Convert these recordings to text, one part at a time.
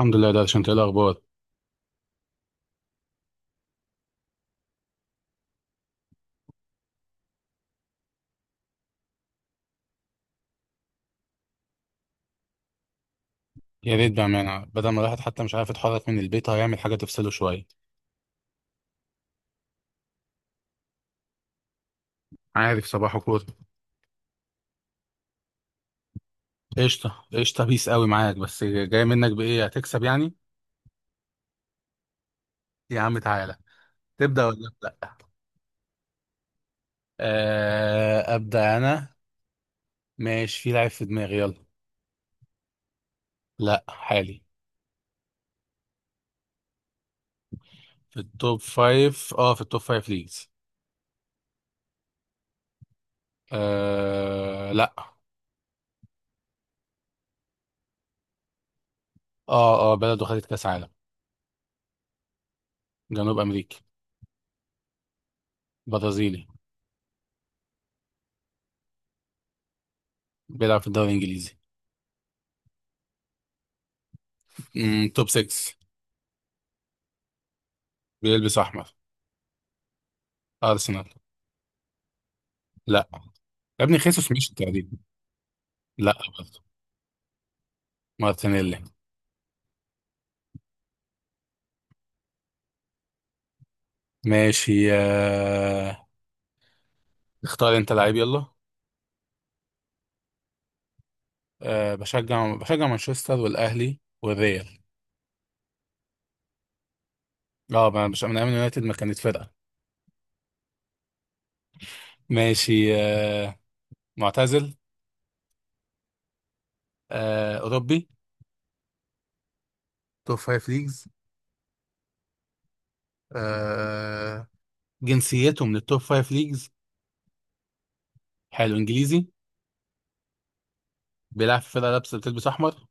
الحمد لله. ده عشان ايه الاخبار؟ يا ريت بامانه، بدل ما الواحد حتى مش عارف يتحرك من البيت، هيعمل حاجه تفصله شويه. عارف صباحه كوره. قشطه قشطه، بيس قوي معاك، بس جاي منك بايه هتكسب يعني؟ يا عم تعالى. تبدا ولا لا؟ آه ابدا انا. ماشي، في لعيب في دماغي، يلا. لا، حالي. في التوب فايف. اه، في التوب فايف ليجز. آه لا. اه اه، بلده خدت كاس عالم. جنوب امريكا. برازيلي. بيلعب في الدوري الانجليزي. مم، توب 6. بيلبس احمر. ارسنال. لا يا ابني، خيسوس مشي تقريبا. لا برضه. مارتينيلي. ماشي اختار انت لعيب يلا. بشجع بشجع مانشستر والاهلي والريال. اه، مش من ايام اليونايتد، ما كانت فرقه. ماشي. معتزل. اوروبي. توب فايف ليجز. آه، جنسيته من التوب فايف ليجز. حلو. انجليزي. بيلعب في فرقه لابسه بتلبس احمر.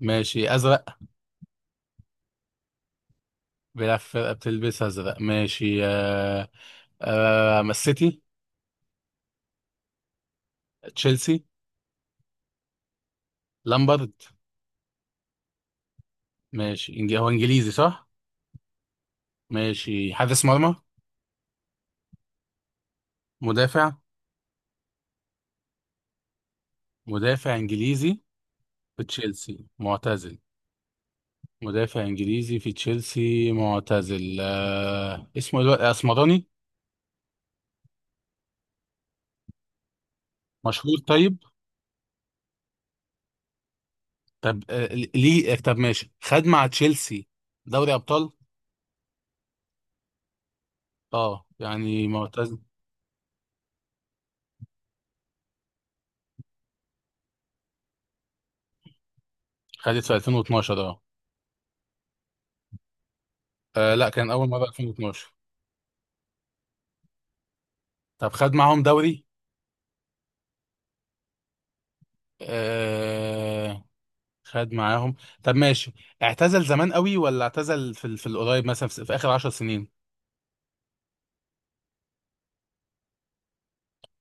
ماشي، ازرق. بيلعب في فرقه بتلبس ازرق. ماشي من السيتي. تشيلسي. لامبرد. ماشي هو انجليزي صح؟ ماشي، حارس مرمى. مدافع. مدافع انجليزي في تشيلسي، معتزل. مدافع انجليزي في تشيلسي معتزل اسمه الوقت اسمراني. مشهور طيب. طب ليه طب ماشي، خد مع تشيلسي دوري ابطال. اه يعني معتزل. خدت في 2012، اه. لا، كان اول مره 2012. طب خد معاهم دوري. آه... خد معاهم. طب ماشي، اعتزل زمان قوي ولا اعتزل في القريب مثلا، في اخر 10 سنين؟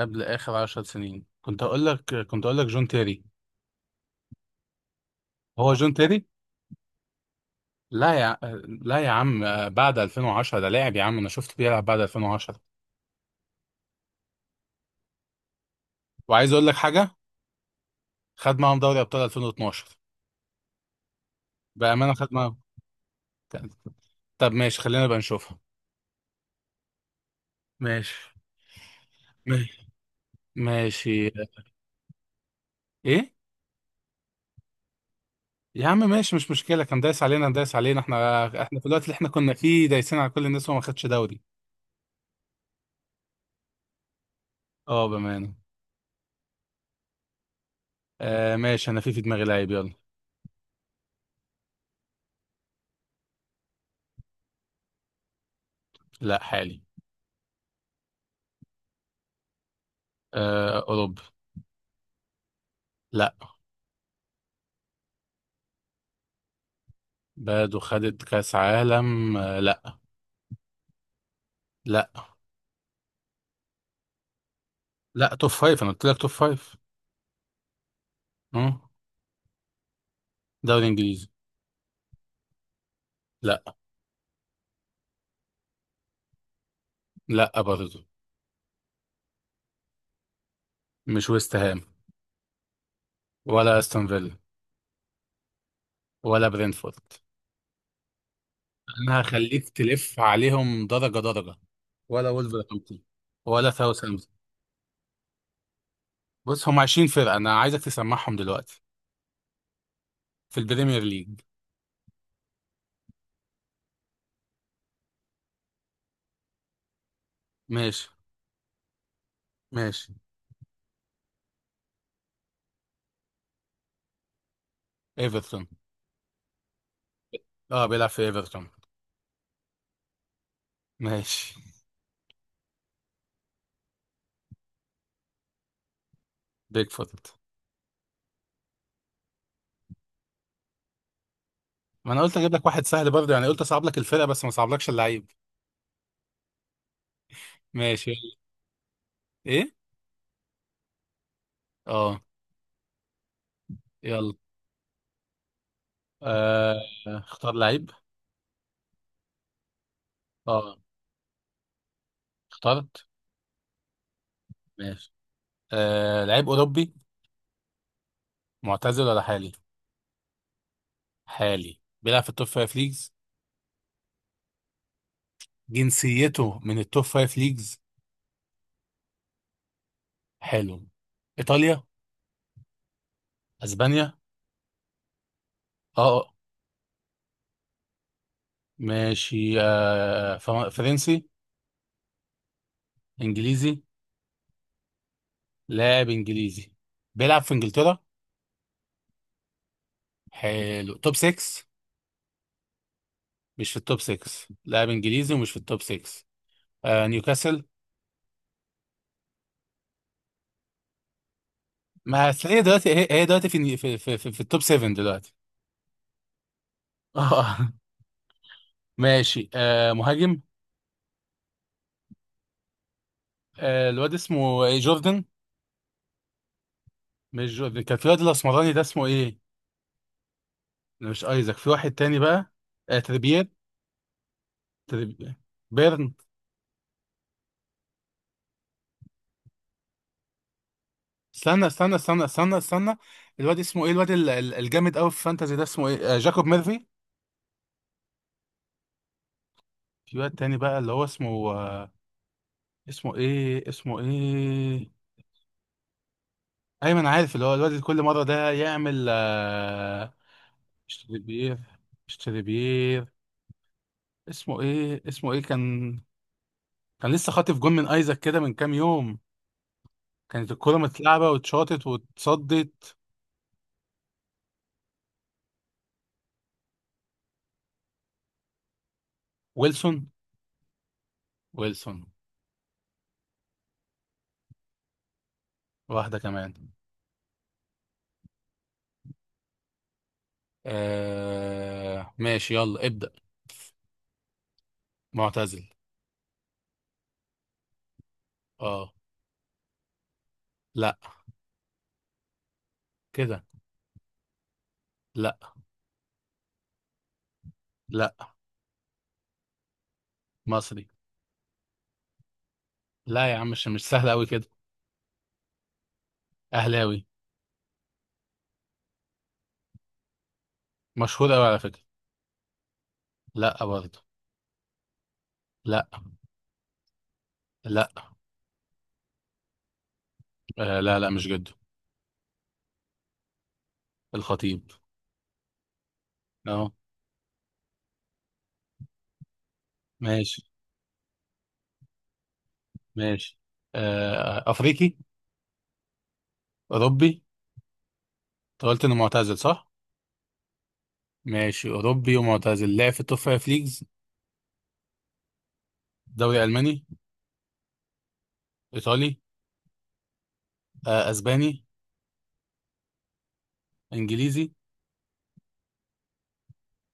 قبل اخر 10 سنين. كنت اقول لك جون تيري. هو جون تيري. لا يا ع- لا يا عم، بعد 2010 ده لاعب، يا عم انا شفت بيلعب بعد 2010. وعايز اقول لك حاجه. خد معاهم دوري ابطال 2012. بامانه خد معاهم. طب ماشي، خلينا بقى نشوفها. ماشي ماشي ماشي. ايه يا عم، ماشي مش مشكله. كان دايس علينا دايس علينا. احنا في الوقت اللي احنا كنا فيه دايسين على كل الناس، وما خدش دوري. اه، بأمانة. آه، ماشي، انا في دماغي لعيب، يلا. لا، حالي. آه، اوروبا. لا. بلده خدت كاس عالم. آه لا. لا، لا توب فايف، انا قلت لك توب فايف. اه. دوري انجليزي. لا. لا برضه. مش ويست هام. ولا استون فيلا. ولا برينفورد. انا هخليك تلف عليهم درجة درجة. ولا ولفرهامبتون. ولا ساوثهامبتون. بص، هم 20 فرقة، انا عايزك تسمعهم دلوقتي. في البريمير ليج. ماشي. ماشي. ايفرتون. اه، بيلعب في ايفرتون. ماشي، بيج فوت. ما انا قلت اجيب لك واحد سهل برضه يعني، قلت اصعب لك الفرقه بس ما صعبلكش اللعيب. ماشي يلا. ايه. اه. يلا. آه، اختار لعيب. اه، اخترت. ماشي، لعيب اوروبي. معتزل ولا حالي؟ حالي، بيلعب في التوب فايف ليجز. جنسيته من التوب فايف ليجز. حلو. ايطاليا. اسبانيا. اه آه. ماشي، فرنسي. انجليزي. لاعب انجليزي. بيلعب في انجلترا. حلو، توب 6. مش في التوب 6. لاعب انجليزي ومش في التوب 6. آه نيوكاسل. ما هتلاقيه دلوقتي، هي دلوقتي في التوب 7 دلوقتي. اه. ماشي، آه مهاجم. آه الواد اسمه إيه، جوردن. مش جوردن، كان في واد الاسمراني ده اسمه ايه؟ لا، مش ايزاك، في واحد تاني بقى. آه تريبير. تريبير. بيرن. استنى استنى استنى استنى استنى. الواد اسمه ايه؟ الواد الجامد قوي في فانتازي ده اسمه ايه؟ آه جاكوب ميرفي. في واد تاني بقى اللي هو اسمه اسمه ايه اسمه ايه؟ ايمن عارف، اللي هو الواد كل مره ده يعمل اشتري بير، اشتري بير. اسمه ايه اسمه ايه كان؟ كان لسه خاطف جون من ايزاك كده من كام يوم. كانت الكره متلعبه واتشاطت واتصدت. ويلسون. ويلسون. واحده كمان. ماشي يلا، ابدأ. معتزل. اه. لا، كده. لا. لا. مصري. لا يا عم، مش مش سهل قوي كده. اهلاوي. مشهور قوي على فكره. لا برضه. لا. لا. آه لا لا، مش جد. الخطيب. اه. ماشي. ماشي، آه افريقي. اوروبي. انت قلت انه معتزل صح؟ ماشي، اوروبي ومعتزل لعب في التوب فايف ليجز. دوري الماني. ايطالي. آه اسباني. انجليزي.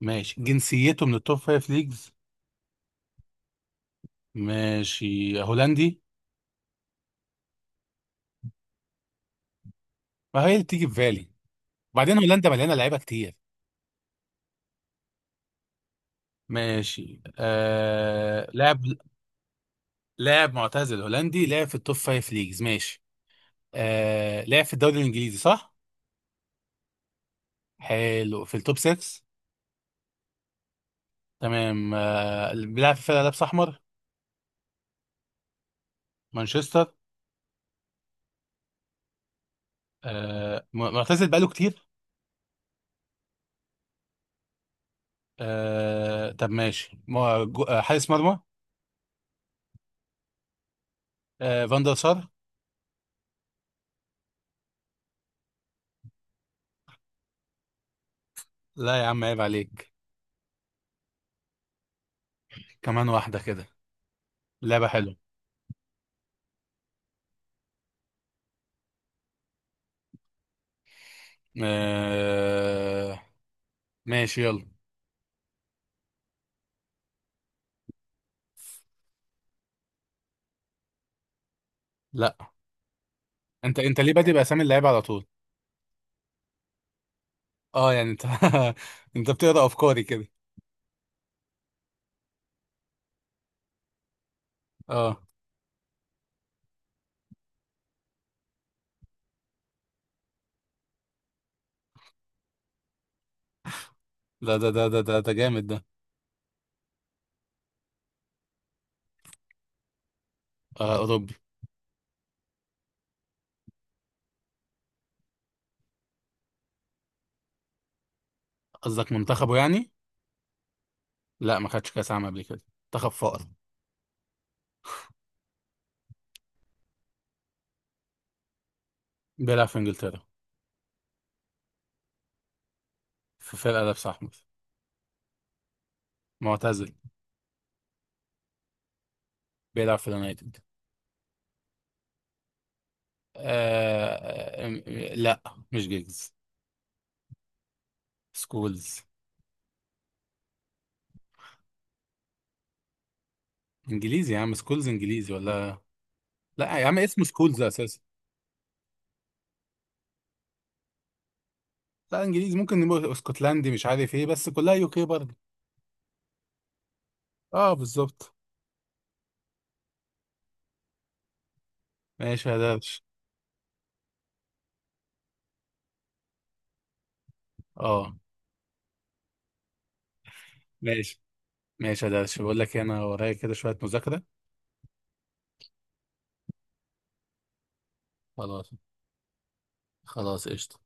ماشي، جنسيته من التوب فايف ليجز؟ ماشي، هولندي. ما هي اللي بتيجي في بالي، وبعدين هولندا مليانه لعيبه كتير. ماشي، آه لاعب. لاعب معتزل هولندي لعب في التوب فايف ليجز، ماشي. آه، لعب في الدوري الانجليزي صح. حلو، في التوب 6. تمام، آه، اللي بيلعب في فرقة لابس أحمر. مانشستر. معتزل بقاله كتير. آه، طب ماشي مو- جو- آه، حارس مرمى. آه، فان دير سار. لا يا عم، عيب عليك. كمان واحدة كده، لعبة حلوة. آه، ماشي يلا. لا. انت ليه بادئ بأسامي اللعيبة على طول؟ اه يعني انت انت بتقرأ أفكاري كده. اه، ده ده ده ده ده ده جامد ده. آه، أوروبي. قصدك منتخبه يعني. لا، ما خدش كأس عالم قبل كده. منتخب فقر. بيلعب في إنجلترا. في فرقة لابس أحمر. معتزل. بيلعب في اليونايتد. لا، مش جيجز. سكولز. إنجليزي يا عم، سكولز إنجليزي ولا؟ لا يا عم، اسمه سكولز أساسا. لا إنجليزي، ممكن نبقى اسكتلندي مش عارف إيه، بس كلها يو كي برضه. أه بالظبط. ماشي يا درش. أه. ماشي، ماشي يا درش، بقول لك إيه، أنا ورايا كده شوية مذاكرة. خلاص. خلاص قشطة.